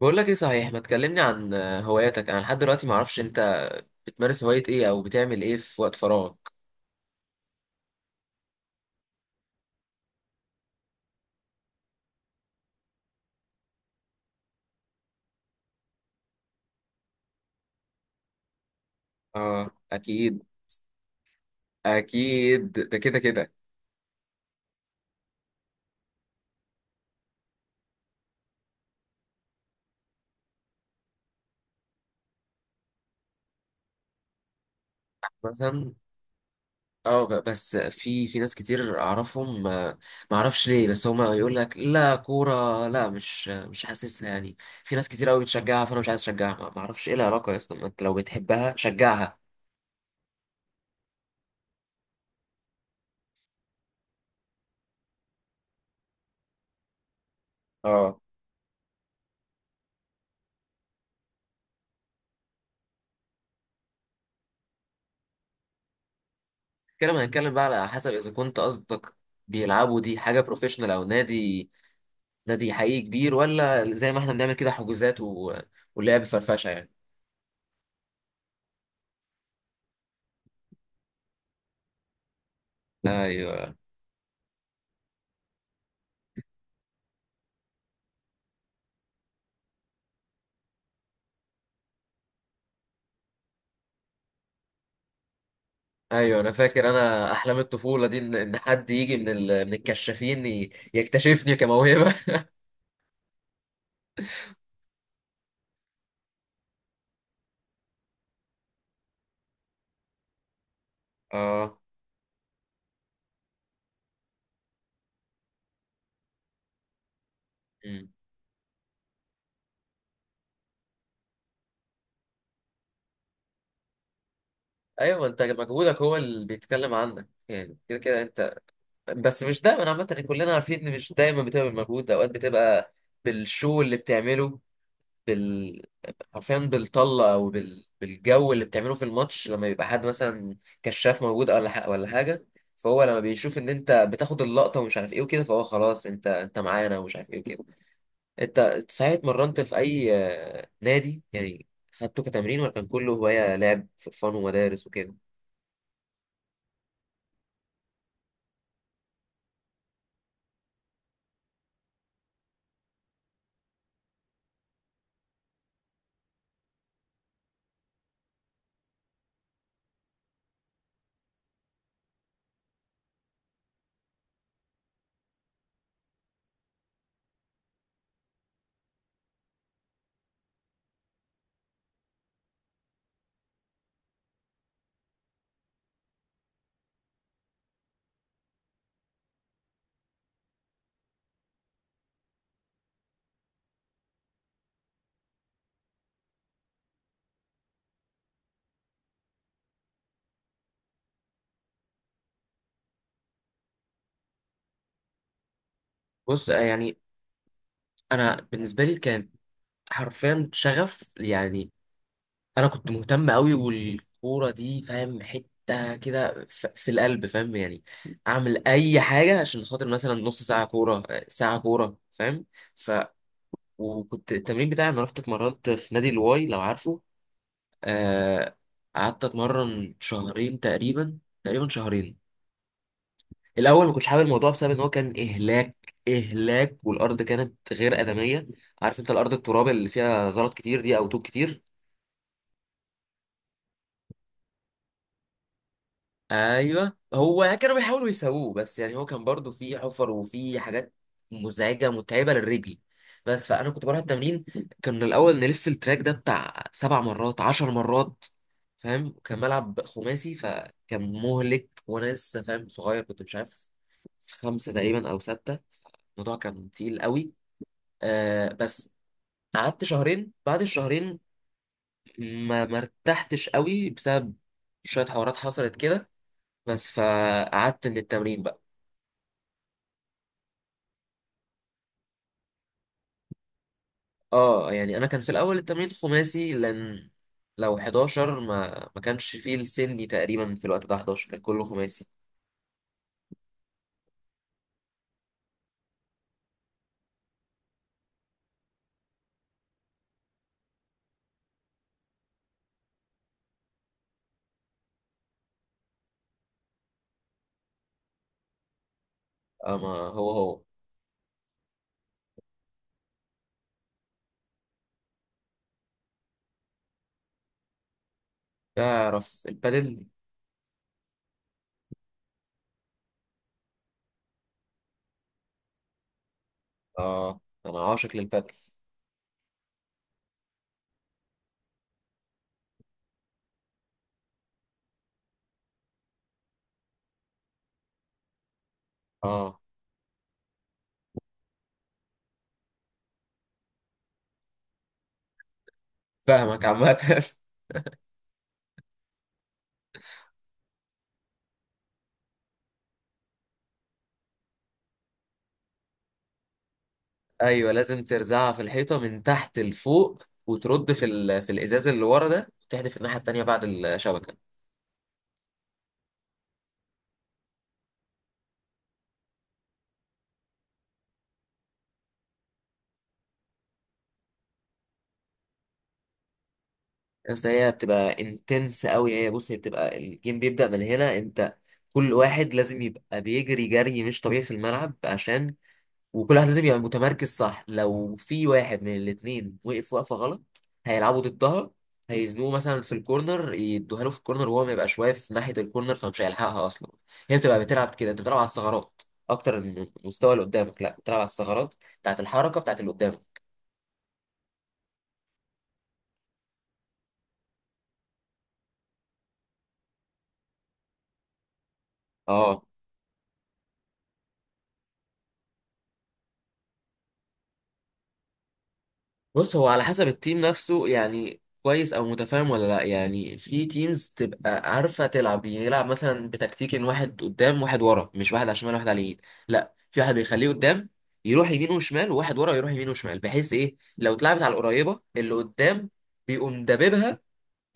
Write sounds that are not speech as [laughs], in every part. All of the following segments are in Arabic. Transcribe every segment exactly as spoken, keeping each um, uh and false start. بقول لك ايه صحيح، ما تكلمني عن آه، هواياتك؟ انا لحد دلوقتي ما اعرفش انت بتمارس هواية ايه او بتعمل ايه في وقت فراغك؟ اه، اكيد. اكيد ده كده كده. مثلا. اه، ب- بس في في ناس كتير اعرفهم، آه، ما اعرفش ليه، بس هما يقول لك لا كورة، لا مش مش حاسسها يعني. في ناس كتير قوي بتشجعها، فانا مش عايز اشجعها، ما ما اعرفش ايه العلاقة يا اسطى، ما انت لو بتحبها شجعها. اه. كده هنتكلم بقى على حسب، اذا كنت قصدك بيلعبوا دي حاجة بروفيشنال او نادي، نادي حقيقي كبير، ولا زي ما احنا بنعمل كده حجوزات و... ولعب فرفشه يعني. ايوه، ايوه انا فاكر، انا احلام الطفوله دي ان إن حد يجي من ال... من الكشافين ي... يكتشفني كموهبه. [laughs] اه. أمم. ايوه، ما انت مجهودك هو اللي بيتكلم عنك يعني كده كده انت. بس مش دايما عامه يعني، كلنا عارفين ان مش دايما بتبقى بالمجهود ده، اوقات بتبقى بالشو اللي بتعمله، بال حرفيا بالطلة او بال... بالجو اللي بتعمله في الماتش، لما يبقى حد مثلا كشاف موجود ولا ح... ولا حاجة. فهو لما بيشوف ان انت بتاخد اللقطة ومش عارف ايه وكده، فهو خلاص انت انت معانا، ومش عارف ايه وكده. انت صحيح اتمرنت في اي آه، نادي يعني؟ خدته كتمرين، ولا كان كله هواية لعب في فن ومدارس وكده؟ بص، آه، يعني انا بالنسبة لي كان حرفيا شغف يعني. انا كنت مهتم قوي، والكوره دي فاهم حته كده، ف- في القلب فاهم يعني. اعمل اي حاجه عشان خاطر مثلا نص ساعه كوره، ساعه كوره، فاهم. ف وكنت التمرين بتاعي، انا رحت اتمرنت في نادي الواي، لو عارفه. آه، قعدت اتمرن شهرين تقريبا، تقريبا شهرين. الاول ما كنتش حابب الموضوع، بسبب ان هو كان اهلاك اهلاك، والارض كانت غير ادميه. عارف انت الارض التراب اللي فيها زلط كتير دي، او طوب كتير؟ ايوه، هو كانوا بيحاولوا يسووه، بس يعني هو كان برضو فيه حفر وفيه حاجات مزعجه متعبه للرجل. بس فانا كنت بروح التمرين، كان الاول نلف التراك ده بتاع سبع مرات، عشر مرات، فاهم. كان ملعب خماسي فكان مهلك، وانا لسه فاهم صغير، كنت مش عارف، خمسه تقريبا او سته. الموضوع كان تقيل قوي. آه بس قعدت شهرين. بعد الشهرين ما مرتحتش قوي، بسبب شويه حوارات حصلت كده، بس فقعدت من التمرين بقى. اه، يعني انا كان في الاول التمرين خماسي، لان لو حداشر ما ما كانش فيه السني تقريبا، في الوقت ده حداشر كان كله خماسي. اه. ما هو هو تعرف البادل؟ اه، انا عاشق للبادل. اه، فاهمك عامة. [laughs] ايوه، لازم ترزعها في الحيطة من تحت لفوق، وترد في ال... في الازاز اللي ورا ده، وتحدف الناحية التانية بعد الشبكة. يا اسطى، هي بتبقى انتنس قوي هي، بص هي بتبقى الجيم بيبدأ من هنا انت. كل واحد لازم يبقى بيجري جري مش طبيعي في الملعب عشان، وكل واحد لازم يبقى متمركز صح. لو في واحد من الاتنين وقف وقفة غلط، هيلعبوا ضدها، هيزنوه مثلا في الكورنر، يدوها له في الكورنر وهو ما يبقاش واقف ناحية الكورنر، فمش هيلحقها اصلا. هي بتبقى بتلعب كده انت، بتلعب على الثغرات اكتر من المستوى اللي قدامك. لا، بتلعب على الثغرات بتاعت الحركة بتاعت اللي قدامك. اه. بص، هو على حسب التيم نفسه يعني، كويس او متفاهم ولا لا. يعني في تيمز تبقى عارفه تلعب، يلعب مثلا بتكتيك ان واحد قدام واحد ورا، مش واحد على الشمال واحد على اليمين. لا، في واحد بيخليه قدام يروح يمين وشمال، وواحد ورا يروح يمين وشمال، بحيث ايه، لو اتلعبت على القريبه اللي قدام، بيقوم دببها،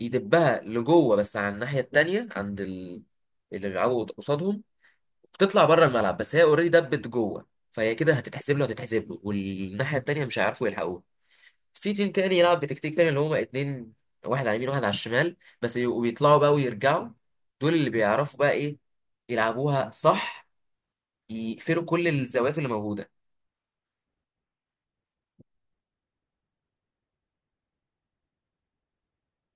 يدبها لجوه. بس على الناحيه التانيه عند ال... اللي بيلعبوا قصادهم، بتطلع بره الملعب بس هي اوريدي دبت جوه. فهي كده هتتحسب له، هتتحسب له، والناحيه التانيه مش هيعرفوا يلحقوها. في تيم تاني يلعب بتكتيك تاني، اللي هما اتنين، واحد على اليمين واحد على الشمال، بس ي- ويطلعوا بقى ويرجعوا. دول اللي بيعرفوا بقى ايه يلعبوها صح، يقفلوا كل الزوايا اللي موجودة.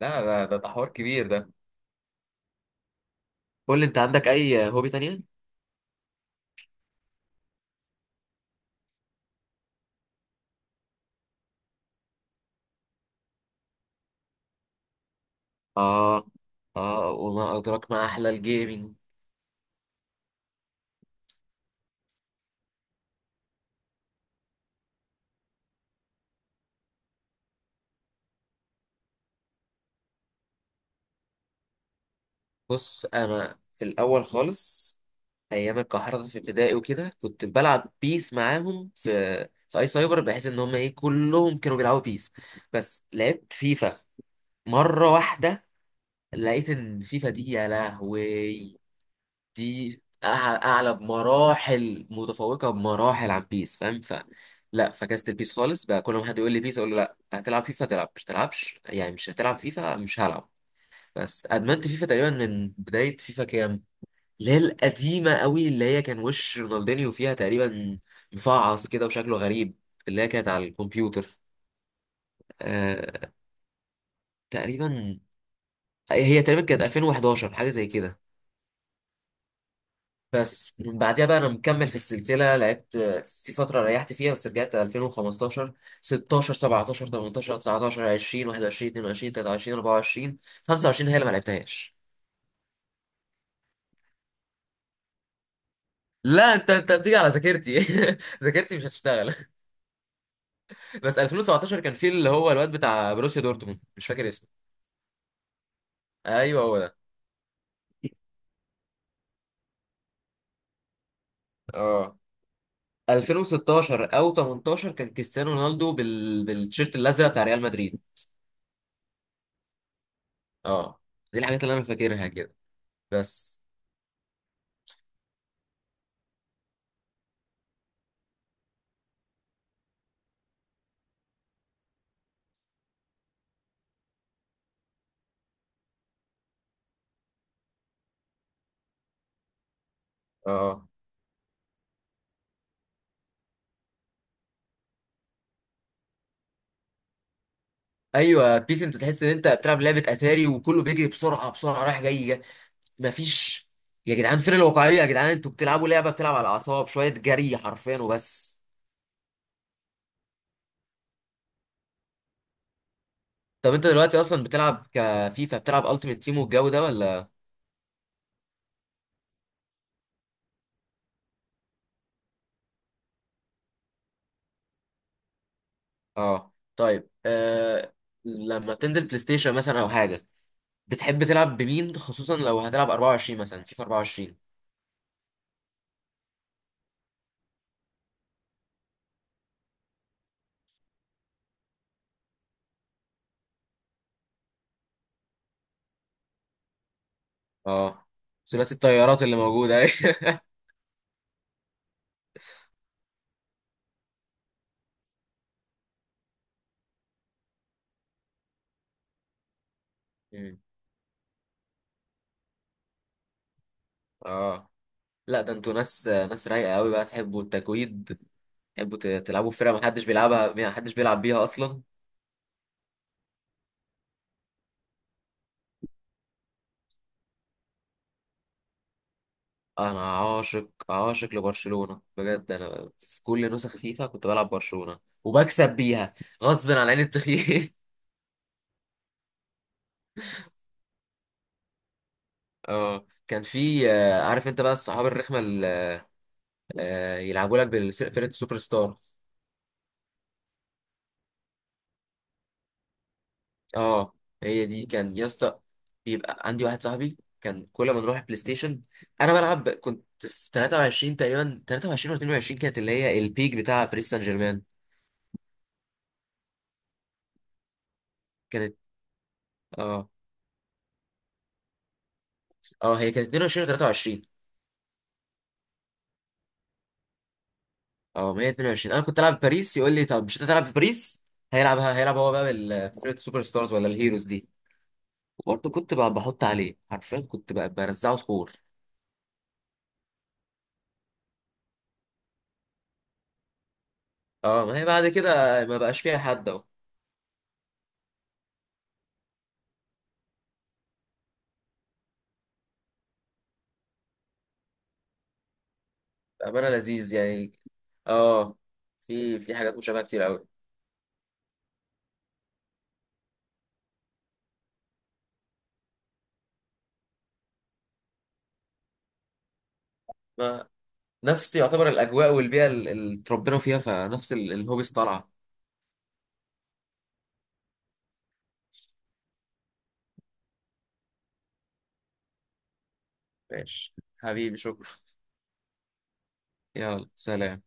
لا، ده ده ده حوار كبير ده. قول لي انت، عندك اي هوبي تانية؟ اه. اه، وما ادراك ما احلى الجيمنج. بص، انا في الاول خالص، ايام الكحرطة في ابتدائي وكده، كنت بلعب بيس معاهم في، في اي سايبر، بحيث ان هم ايه كلهم كانوا بيلعبوا بيس. بس لعبت فيفا مرة واحدة، لقيت ان فيفا دي يا لهوي، دي أع- اعلى بمراحل، متفوقه بمراحل عن بيس، فاهم. ف لا فكست البيس خالص بقى. كل ما حد يقول لي بيس، اقول له لا هتلعب فيفا، تلعب مش تلعبش يعني، مش هتلعب فيفا مش هلعب. بس ادمنت فيفا تقريبا من بدايه فيفا كام، اللي هي القديمه قوي، اللي هي كان وش رونالدينيو فيها تقريبا، مفعص كده وشكله غريب، اللي هي كانت على الكمبيوتر. أه تقريبا، هي تقريبا كانت ألفين وحداشر، حاجه زي كده. بس من بعدها بقى انا مكمل في السلسله، لعبت في فتره ريحت فيها، بس رجعت ألفين وخمستاشر، ستاشر، سبعتاشر، تمنتاشر، تسعة عشر، عشرون، واحد وعشرين، اتنين وعشرين، تلاتة وعشرين، اربعة وعشرين. خمسة وعشرين هي اللي ما لعبتهاش. لا انت انت بتيجي على ذاكرتي. [laughs] ذاكرتي مش هتشتغل. بس ألفين وسبعتاشر كان في اللي هو الواد بتاع بروسيا دورتموند، مش فاكر اسمه. ايوه، هو ده. اه، ألفين وستاشر او تمنتاشر كان كريستيانو رونالدو بال... بالتيشيرت الازرق بتاع ريال مدريد. اه، دي الحاجات اللي انا فاكرها كده. بس. اه، ايوه بيس، انت تحس ان انت بتلعب لعبه اتاري، وكله بيجري بسرعه بسرعه، رايح جاي جاي. مفيش. يا جدعان فين الواقعيه؟ يا جدعان، انتوا بتلعبوا لعبه بتلعب على الاعصاب شويه، جري حرفيا وبس. طب انت دلوقتي اصلا بتلعب كفيفا، بتلعب التيمت تيم والجو ده، ولا؟ اه، طيب. آه... لما تنزل بلاي ستيشن مثلا او حاجه، بتحب تلعب بمين، خصوصا لو هتلعب اربعة وعشرين مثلا، فيفا اربعة وعشرين؟ اه، ثلاثي الطيارات اللي موجوده. [laughs] مم. اه. لا ده انتوا ناس، ناس رايقه قوي بقى، تحبوا التكويد، تحبوا ت- تلعبوا في فرقة محدش بيلعبها، محدش بيلعب بيها أصلا. أنا عاشق عاشق لبرشلونة بجد. أنا في كل نسخ فيفا كنت بلعب برشلونة وبكسب بيها غصب عن عين التخييل. [laughs] اه، كان في، آه، عارف انت بقى الصحاب الرخمة اللي آه، يلعبوا لك بفرقة السوبر ستار؟ اه، هي دي كان يا اسطى. بيبقى عندي واحد صاحبي، كان كل ما نروح البلاي ستيشن، انا بلعب كنت في تلاتة وعشرين تقريبا، تلاتة وعشرين ولا اتنين وعشرين، كانت اللي هي البيك بتاع باريس سان جيرمان. كانت. اه. اه، هي كانت اتنين وعشرين، تلاتة وعشرين. اه، ما هي اتنين وعشرين، انا كنت العب بباريس، يقول لي طب مش انت تلعب بباريس، هيلعبها، هيلعب هو بقى بالفرقه السوبر ستارز ولا الهيروز دي. وبرضه كنت بقى بحط عليه حرفيا، كنت بقى برزعه سكور. اه، ما هي بعد كده ما بقاش فيها حد اهو. بامانه لذيذ يعني. اه. في في حاجات مشابهه كتير قوي. ما نفس يعتبر الاجواء والبيئه، ال- اللي اتربينا فيها، فنفس ال- الهوبيز طالعه. ماشي حبيبي، شكرا. يلا سلام.